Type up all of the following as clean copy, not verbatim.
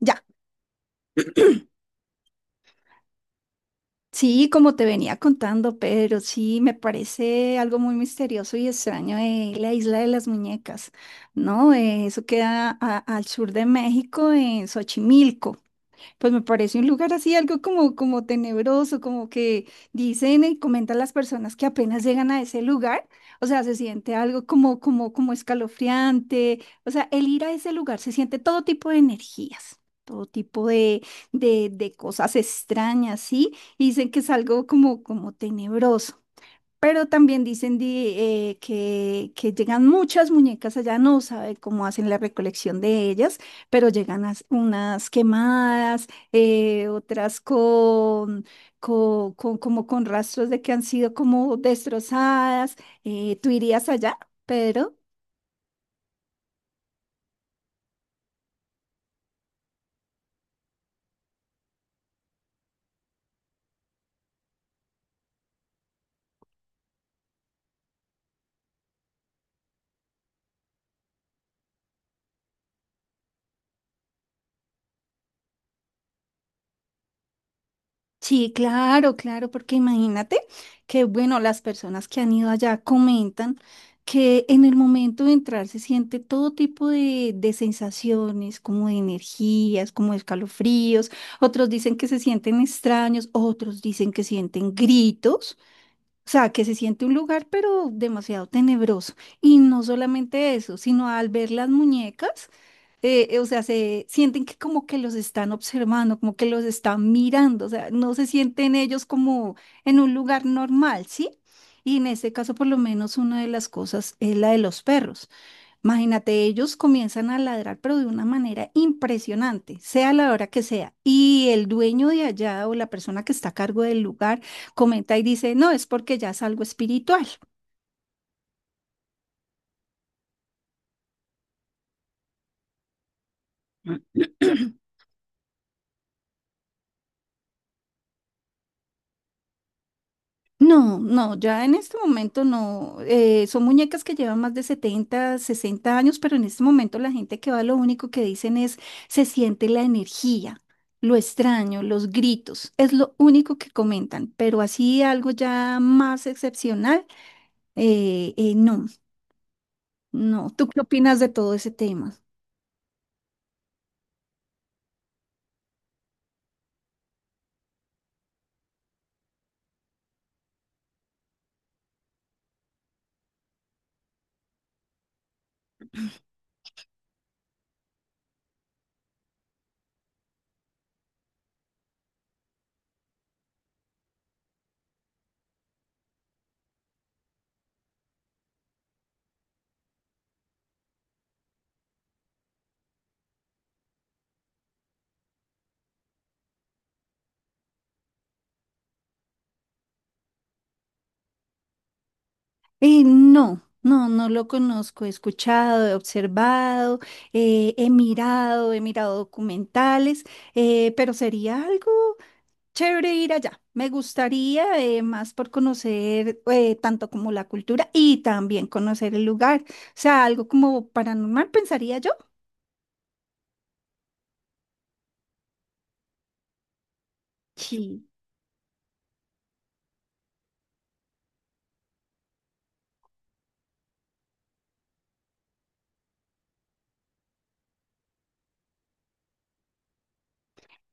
Ya, sí, como te venía contando, pero sí, me parece algo muy misterioso y extraño la isla de las muñecas, ¿no? Eso queda al sur de México, en Xochimilco. Pues me parece un lugar así, algo como, como tenebroso, como que dicen y comentan las personas que apenas llegan a ese lugar, o sea, se siente algo como, como escalofriante, o sea, el ir a ese lugar se siente todo tipo de energías, todo tipo de, de cosas extrañas, ¿sí? Y dicen que es algo como, como tenebroso. Pero también dicen que llegan muchas muñecas allá, no sabe cómo hacen la recolección de ellas, pero llegan unas quemadas, otras con, como con rastros de que han sido como destrozadas. ¿Tú irías allá, Pedro? Sí, claro, claro, porque imagínate que, bueno, las personas que han ido allá comentan que en el momento de entrar se siente todo tipo de sensaciones, como de energías, como escalofríos, otros dicen que se sienten extraños, otros dicen que sienten gritos, o sea, que se siente un lugar pero demasiado tenebroso. Y no solamente eso, sino al ver las muñecas o sea, se sienten que como que los están observando, como que los están mirando, o sea, no se sienten ellos como en un lugar normal, ¿sí? Y en este caso, por lo menos, una de las cosas es la de los perros. Imagínate, ellos comienzan a ladrar, pero de una manera impresionante, sea la hora que sea. Y el dueño de allá o la persona que está a cargo del lugar comenta y dice, no, es porque ya es algo espiritual. No, no, ya en este momento no. Son muñecas que llevan más de 70, 60 años, pero en este momento la gente que va lo único que dicen es se siente la energía, lo extraño, los gritos, es lo único que comentan, pero así algo ya más excepcional, no, no. ¿Tú qué opinas de todo ese tema? No. No, no lo conozco, he escuchado, he observado, he mirado documentales, pero sería algo chévere ir allá. Me gustaría más por conocer tanto como la cultura y también conocer el lugar. O sea, algo como paranormal, pensaría yo. Sí.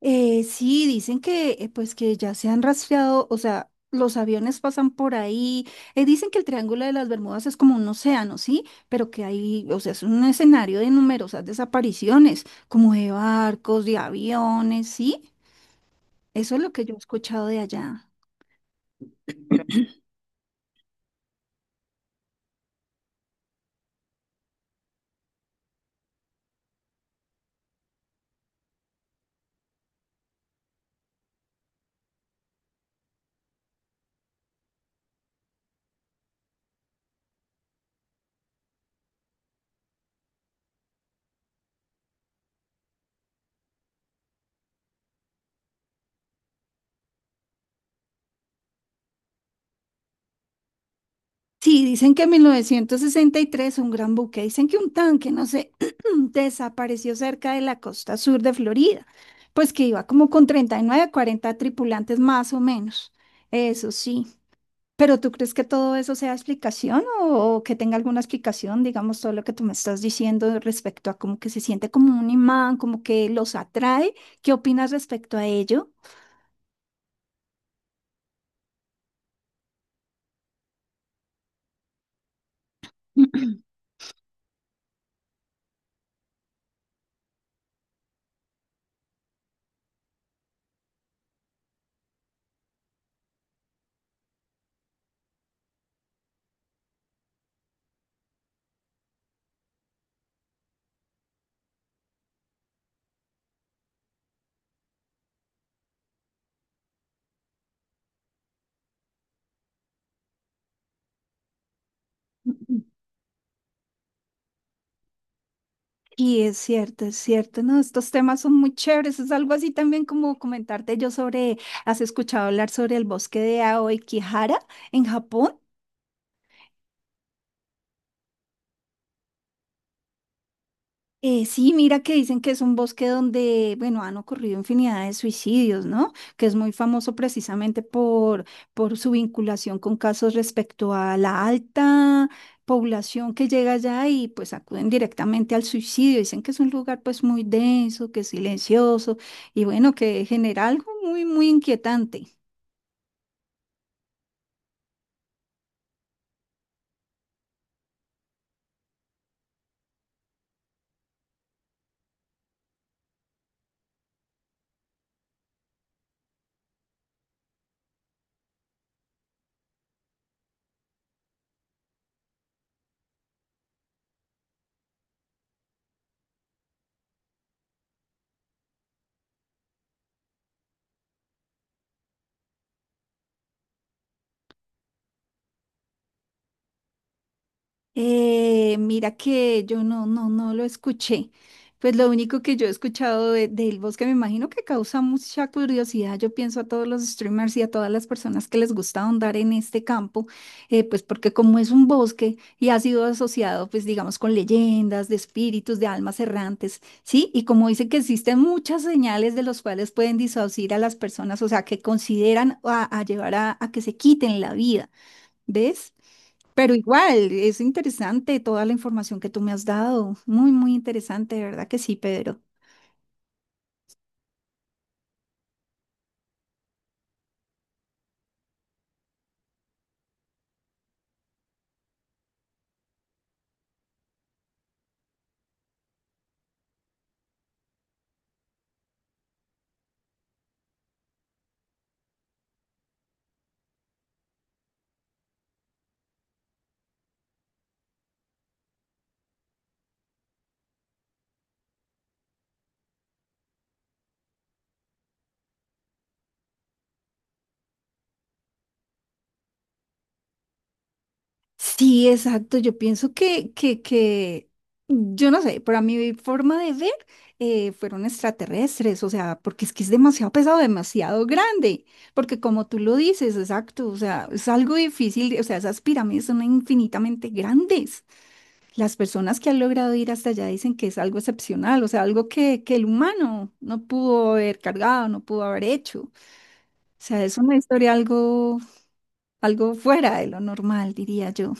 Sí, dicen que pues que ya se han rastreado, o sea, los aviones pasan por ahí. Dicen que el Triángulo de las Bermudas es como un océano, ¿sí? Pero que hay, o sea, es un escenario de numerosas desapariciones, como de barcos, de aviones, ¿sí? Eso es lo que yo he escuchado de allá. Sí, dicen que en 1963 un gran buque, dicen que un tanque, no sé, desapareció cerca de la costa sur de Florida, pues que iba como con 39, 40 tripulantes más o menos, eso sí. Pero ¿tú crees que todo eso sea explicación o que tenga alguna explicación, digamos, todo lo que tú me estás diciendo respecto a como que se siente como un imán, como que los atrae? ¿Qué opinas respecto a ello? Y es cierto, no, estos temas son muy chéveres, es algo así también como comentarte yo sobre, ¿has escuchado hablar sobre el bosque de Aokigahara en Japón? Sí, mira que dicen que es un bosque donde, bueno, han ocurrido infinidad de suicidios, ¿no? Que es muy famoso precisamente por su vinculación con casos respecto a la alta población que llega allá y pues acuden directamente al suicidio. Dicen que es un lugar pues muy denso, que es silencioso y bueno, que genera algo muy, muy inquietante. Mira que yo no, no, no lo escuché. Pues lo único que yo he escuchado de, del bosque, me imagino que causa mucha curiosidad. Yo pienso a todos los streamers y a todas las personas que les gusta ahondar en este campo, pues porque como es un bosque y ha sido asociado, pues digamos, con leyendas, de espíritus, de almas errantes, ¿sí? Y como dice que existen muchas señales de los cuales pueden disuadir a las personas, o sea, que consideran a llevar a que se quiten la vida, ¿ves? Pero igual, es interesante toda la información que tú me has dado. Muy, muy interesante, de verdad que sí, Pedro. Sí, exacto. Yo pienso que, yo no sé, para mi forma de ver, fueron extraterrestres, o sea, porque es que es demasiado pesado, demasiado grande, porque como tú lo dices, exacto, o sea, es algo difícil, o sea, esas pirámides son infinitamente grandes. Las personas que han logrado ir hasta allá dicen que es algo excepcional, o sea, algo que el humano no pudo haber cargado, no pudo haber hecho. O sea, es una historia algo, algo fuera de lo normal, diría yo.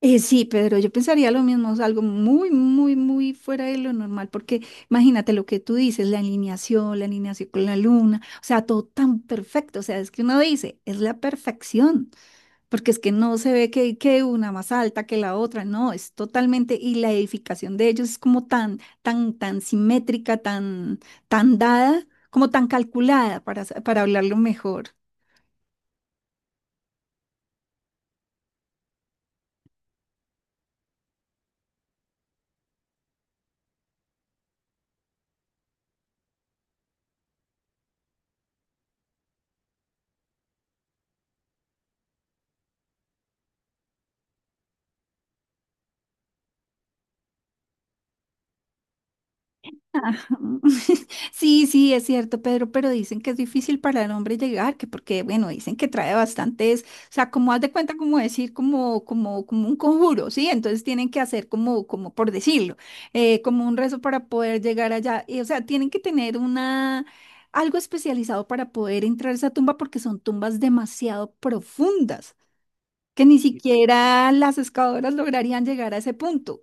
Sí, Pedro, yo pensaría lo mismo, es algo muy, muy, muy fuera de lo normal, porque imagínate lo que tú dices, la alineación con la luna, o sea, todo tan perfecto, o sea, es que uno dice, es la perfección. Porque es que no se ve que una más alta que la otra, no, es totalmente, y la edificación de ellos es como tan, tan simétrica, tan, tan dada, como tan calculada, para, para hablarlo mejor. Sí, sí, es cierto, Pedro, pero dicen que es difícil para el hombre llegar, que porque, bueno, dicen que trae bastantes, o sea, como haz de cuenta, como decir, como, como un conjuro, ¿sí? Entonces tienen que hacer como, como por decirlo, como un rezo para poder llegar allá, y, o sea, tienen que tener una, algo especializado para poder entrar a esa tumba porque son tumbas demasiado profundas, que ni siquiera las excavadoras lograrían llegar a ese punto.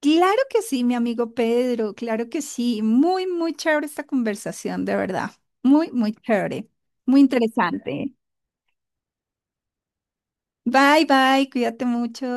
Claro que sí, mi amigo Pedro, claro que sí. Muy, muy chévere esta conversación, de verdad. Muy, muy chévere. Muy interesante. Bye, bye, cuídate mucho.